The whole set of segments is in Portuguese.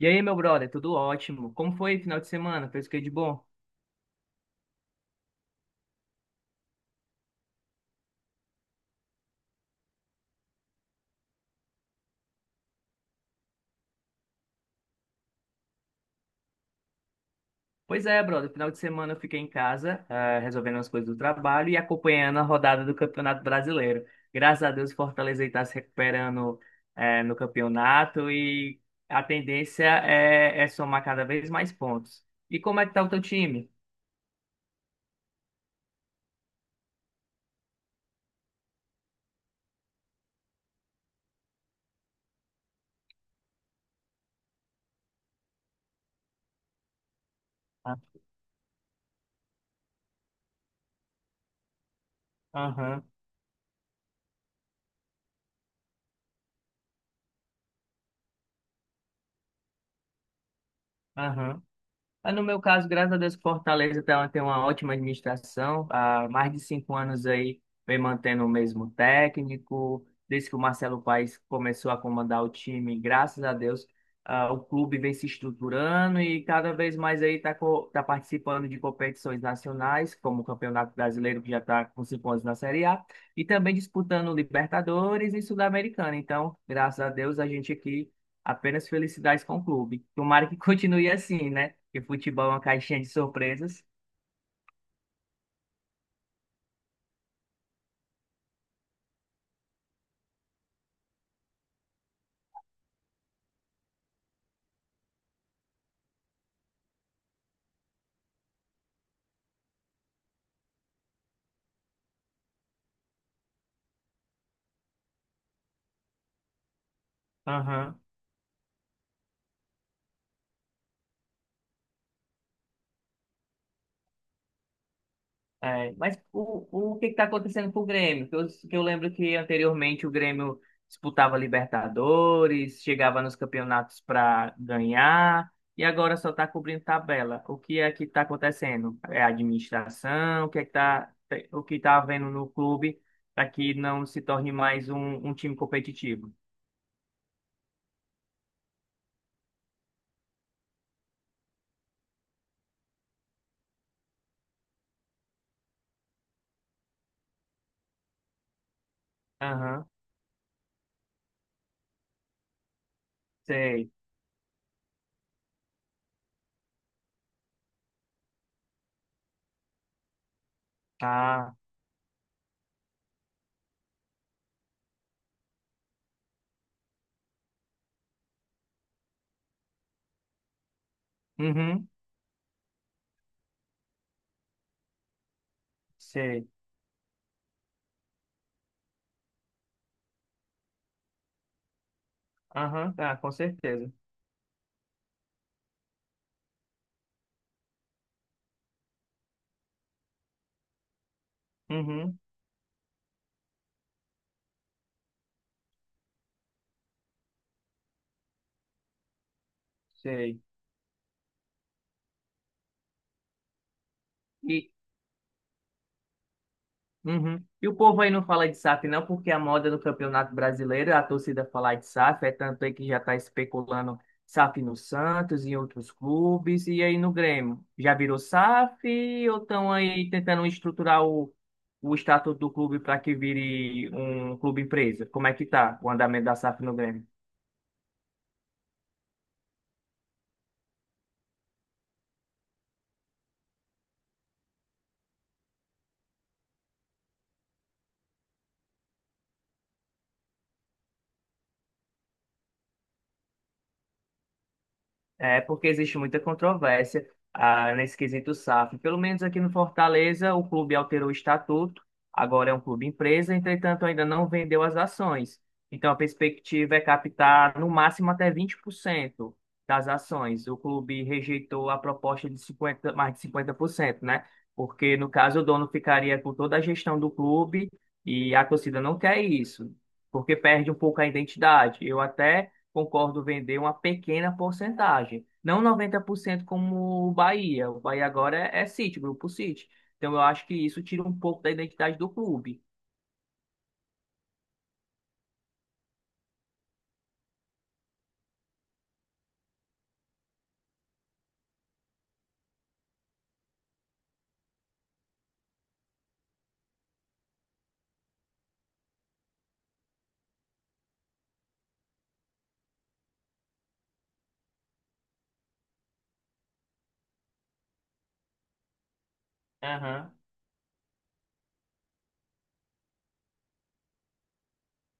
E aí, meu brother, tudo ótimo? Como foi o final de semana? Fez o que de bom? Pois é, brother, final de semana eu fiquei em casa, resolvendo as coisas do trabalho e acompanhando a rodada do Campeonato Brasileiro. Graças a Deus, o Fortaleza está se recuperando, no campeonato e a tendência é somar cada vez mais pontos. E como é que tá o teu time? Ah. Aham, aham. Mas no meu caso, graças a Deus, Fortaleza tem uma ótima administração. Há mais de 5 anos aí, vem mantendo o mesmo técnico. Desde que o Marcelo Paes começou a comandar o time, graças a Deus, o clube vem se estruturando e cada vez mais aí está participando de competições nacionais, como o Campeonato Brasileiro, que já está com 5 anos na Série A, e também disputando Libertadores e Sul-Americana. Então, graças a Deus, a gente aqui apenas felicidades com o clube. Tomara que continue assim, né? Porque futebol é uma caixinha de surpresas. Aham. É, mas o que está acontecendo com o Grêmio? Que eu lembro que anteriormente o Grêmio disputava Libertadores, chegava nos campeonatos para ganhar, e agora só está cobrindo tabela. O que é que está acontecendo? É a administração? O que é que tá, o que está havendo no clube para que não se torne mais um time competitivo? Aham, sei. Ah. Uhum, sei. Aham, tá, com certeza. Uhum, sei. E, uhum. E o povo aí não fala de SAF não, porque a moda no Campeonato Brasileiro, a torcida falar de SAF, é tanto aí que já está especulando SAF no Santos, em outros clubes, e aí no Grêmio. Já virou SAF ou estão aí tentando estruturar o estatuto do clube para que vire um clube empresa? Como é que tá o andamento da SAF no Grêmio? É porque existe muita controvérsia nesse quesito SAF. Pelo menos aqui no Fortaleza, o clube alterou o estatuto, agora é um clube empresa, entretanto, ainda não vendeu as ações. Então, a perspectiva é captar no máximo até 20% das ações. O clube rejeitou a proposta de 50, mais de 50%, né? Porque, no caso, o dono ficaria com toda a gestão do clube e a torcida não quer isso, porque perde um pouco a identidade. Eu até concordo vender uma pequena porcentagem, não 90% como o Bahia. O Bahia agora é City, Grupo City. Então eu acho que isso tira um pouco da identidade do clube. Aham.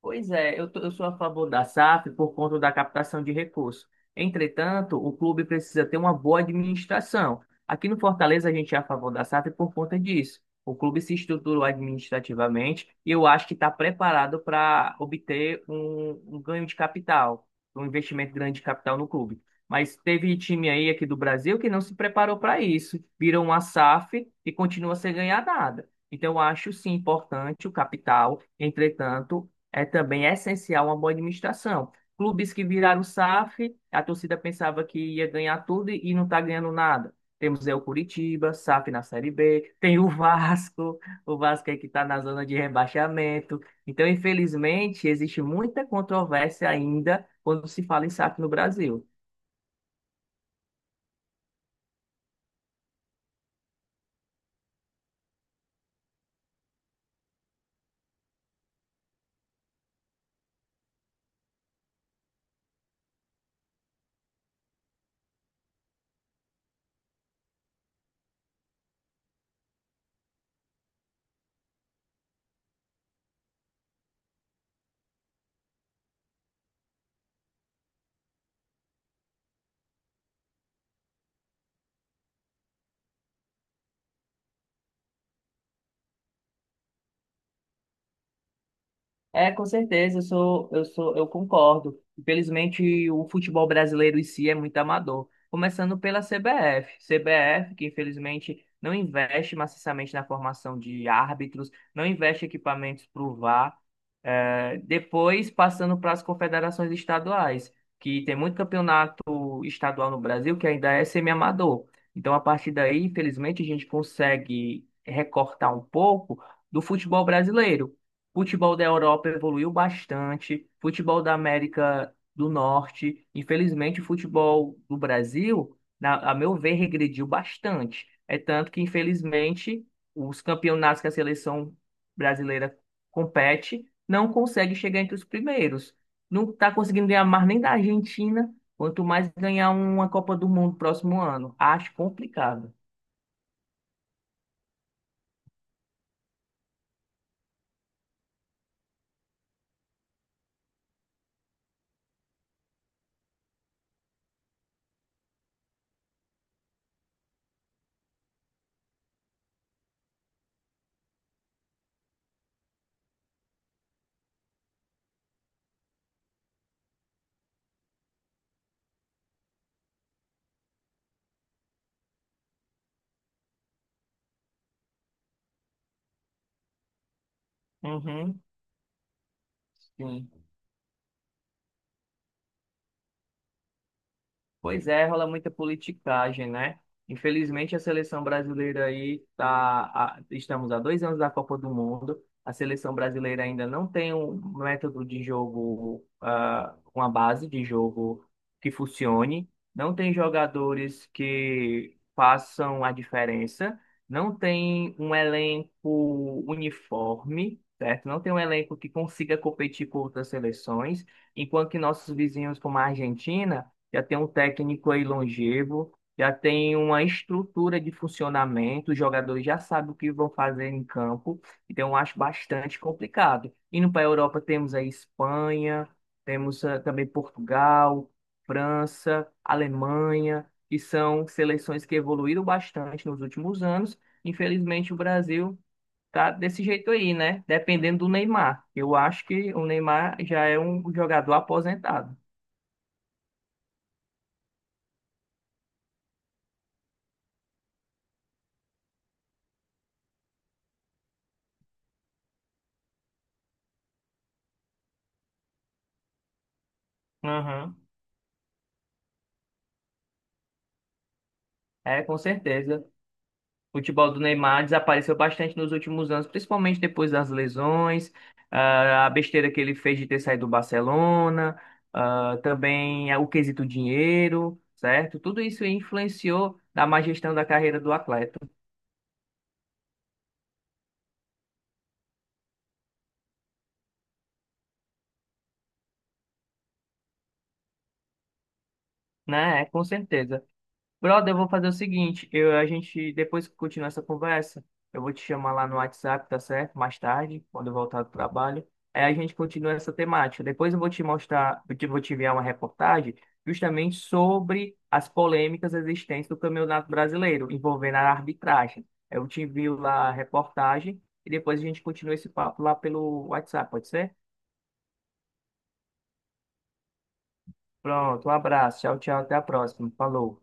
Pois é, eu sou a favor da SAF por conta da captação de recursos. Entretanto, o clube precisa ter uma boa administração. Aqui no Fortaleza, a gente é a favor da SAF por conta disso. O clube se estruturou administrativamente e eu acho que está preparado para obter um ganho de capital, um investimento grande de capital no clube. Mas teve time aí aqui do Brasil que não se preparou para isso, virou uma SAF e continua sem ganhar nada. Então, eu acho sim importante o capital. Entretanto, é também essencial uma boa administração. Clubes que viraram SAF, a torcida pensava que ia ganhar tudo e não está ganhando nada. Temos aí o Curitiba, SAF na Série B, tem o Vasco. O Vasco é que está na zona de rebaixamento. Então, infelizmente, existe muita controvérsia ainda quando se fala em SAF no Brasil. É, com certeza, eu concordo. Infelizmente, o futebol brasileiro em si é muito amador. Começando pela CBF, que infelizmente não investe maciçamente na formação de árbitros, não investe equipamentos para o VAR. É, depois, passando para as confederações estaduais, que tem muito campeonato estadual no Brasil que ainda é semi-amador. Então, a partir daí, infelizmente, a gente consegue recortar um pouco do futebol brasileiro. Futebol da Europa evoluiu bastante, futebol da América do Norte, infelizmente o futebol do Brasil, a meu ver, regrediu bastante. É tanto que, infelizmente, os campeonatos que a seleção brasileira compete não consegue chegar entre os primeiros. Não está conseguindo ganhar mais nem da Argentina, quanto mais ganhar uma Copa do Mundo próximo ano. Acho complicado. Uhum, sim. Pois é, rola muita politicagem, né? Infelizmente, a seleção brasileira aí tá, estamos há 2 anos da Copa do Mundo. A seleção brasileira ainda não tem um método de jogo, uma base de jogo que funcione. Não tem jogadores que façam a diferença. Não tem um elenco uniforme, certo? Não tem um elenco que consiga competir com outras seleções. Enquanto que nossos vizinhos, como a Argentina já tem um técnico aí longevo, já tem uma estrutura de funcionamento, os jogadores já sabem o que vão fazer em campo, então eu acho bastante complicado. Indo para a Europa, temos a Espanha, temos também Portugal, França, Alemanha, que são seleções que evoluíram bastante nos últimos anos. Infelizmente, o Brasil tá desse jeito aí, né? Dependendo do Neymar. Eu acho que o Neymar já é um jogador aposentado. Aham. É, com certeza. O futebol do Neymar desapareceu bastante nos últimos anos, principalmente depois das lesões, a besteira que ele fez de ter saído do Barcelona, também o quesito dinheiro, certo? Tudo isso influenciou na má gestão da carreira do atleta, né? É, com certeza. Brother, eu vou fazer o seguinte, a gente, depois que continuar essa conversa, eu vou te chamar lá no WhatsApp, tá certo? Mais tarde, quando eu voltar do trabalho. Aí a gente continua essa temática. Depois eu vou te mostrar, vou te enviar uma reportagem justamente sobre as polêmicas existentes do Campeonato Brasileiro, envolvendo a arbitragem. Eu te envio lá a reportagem e depois a gente continua esse papo lá pelo WhatsApp, pode ser? Pronto, um abraço, tchau, tchau, até a próxima. Falou.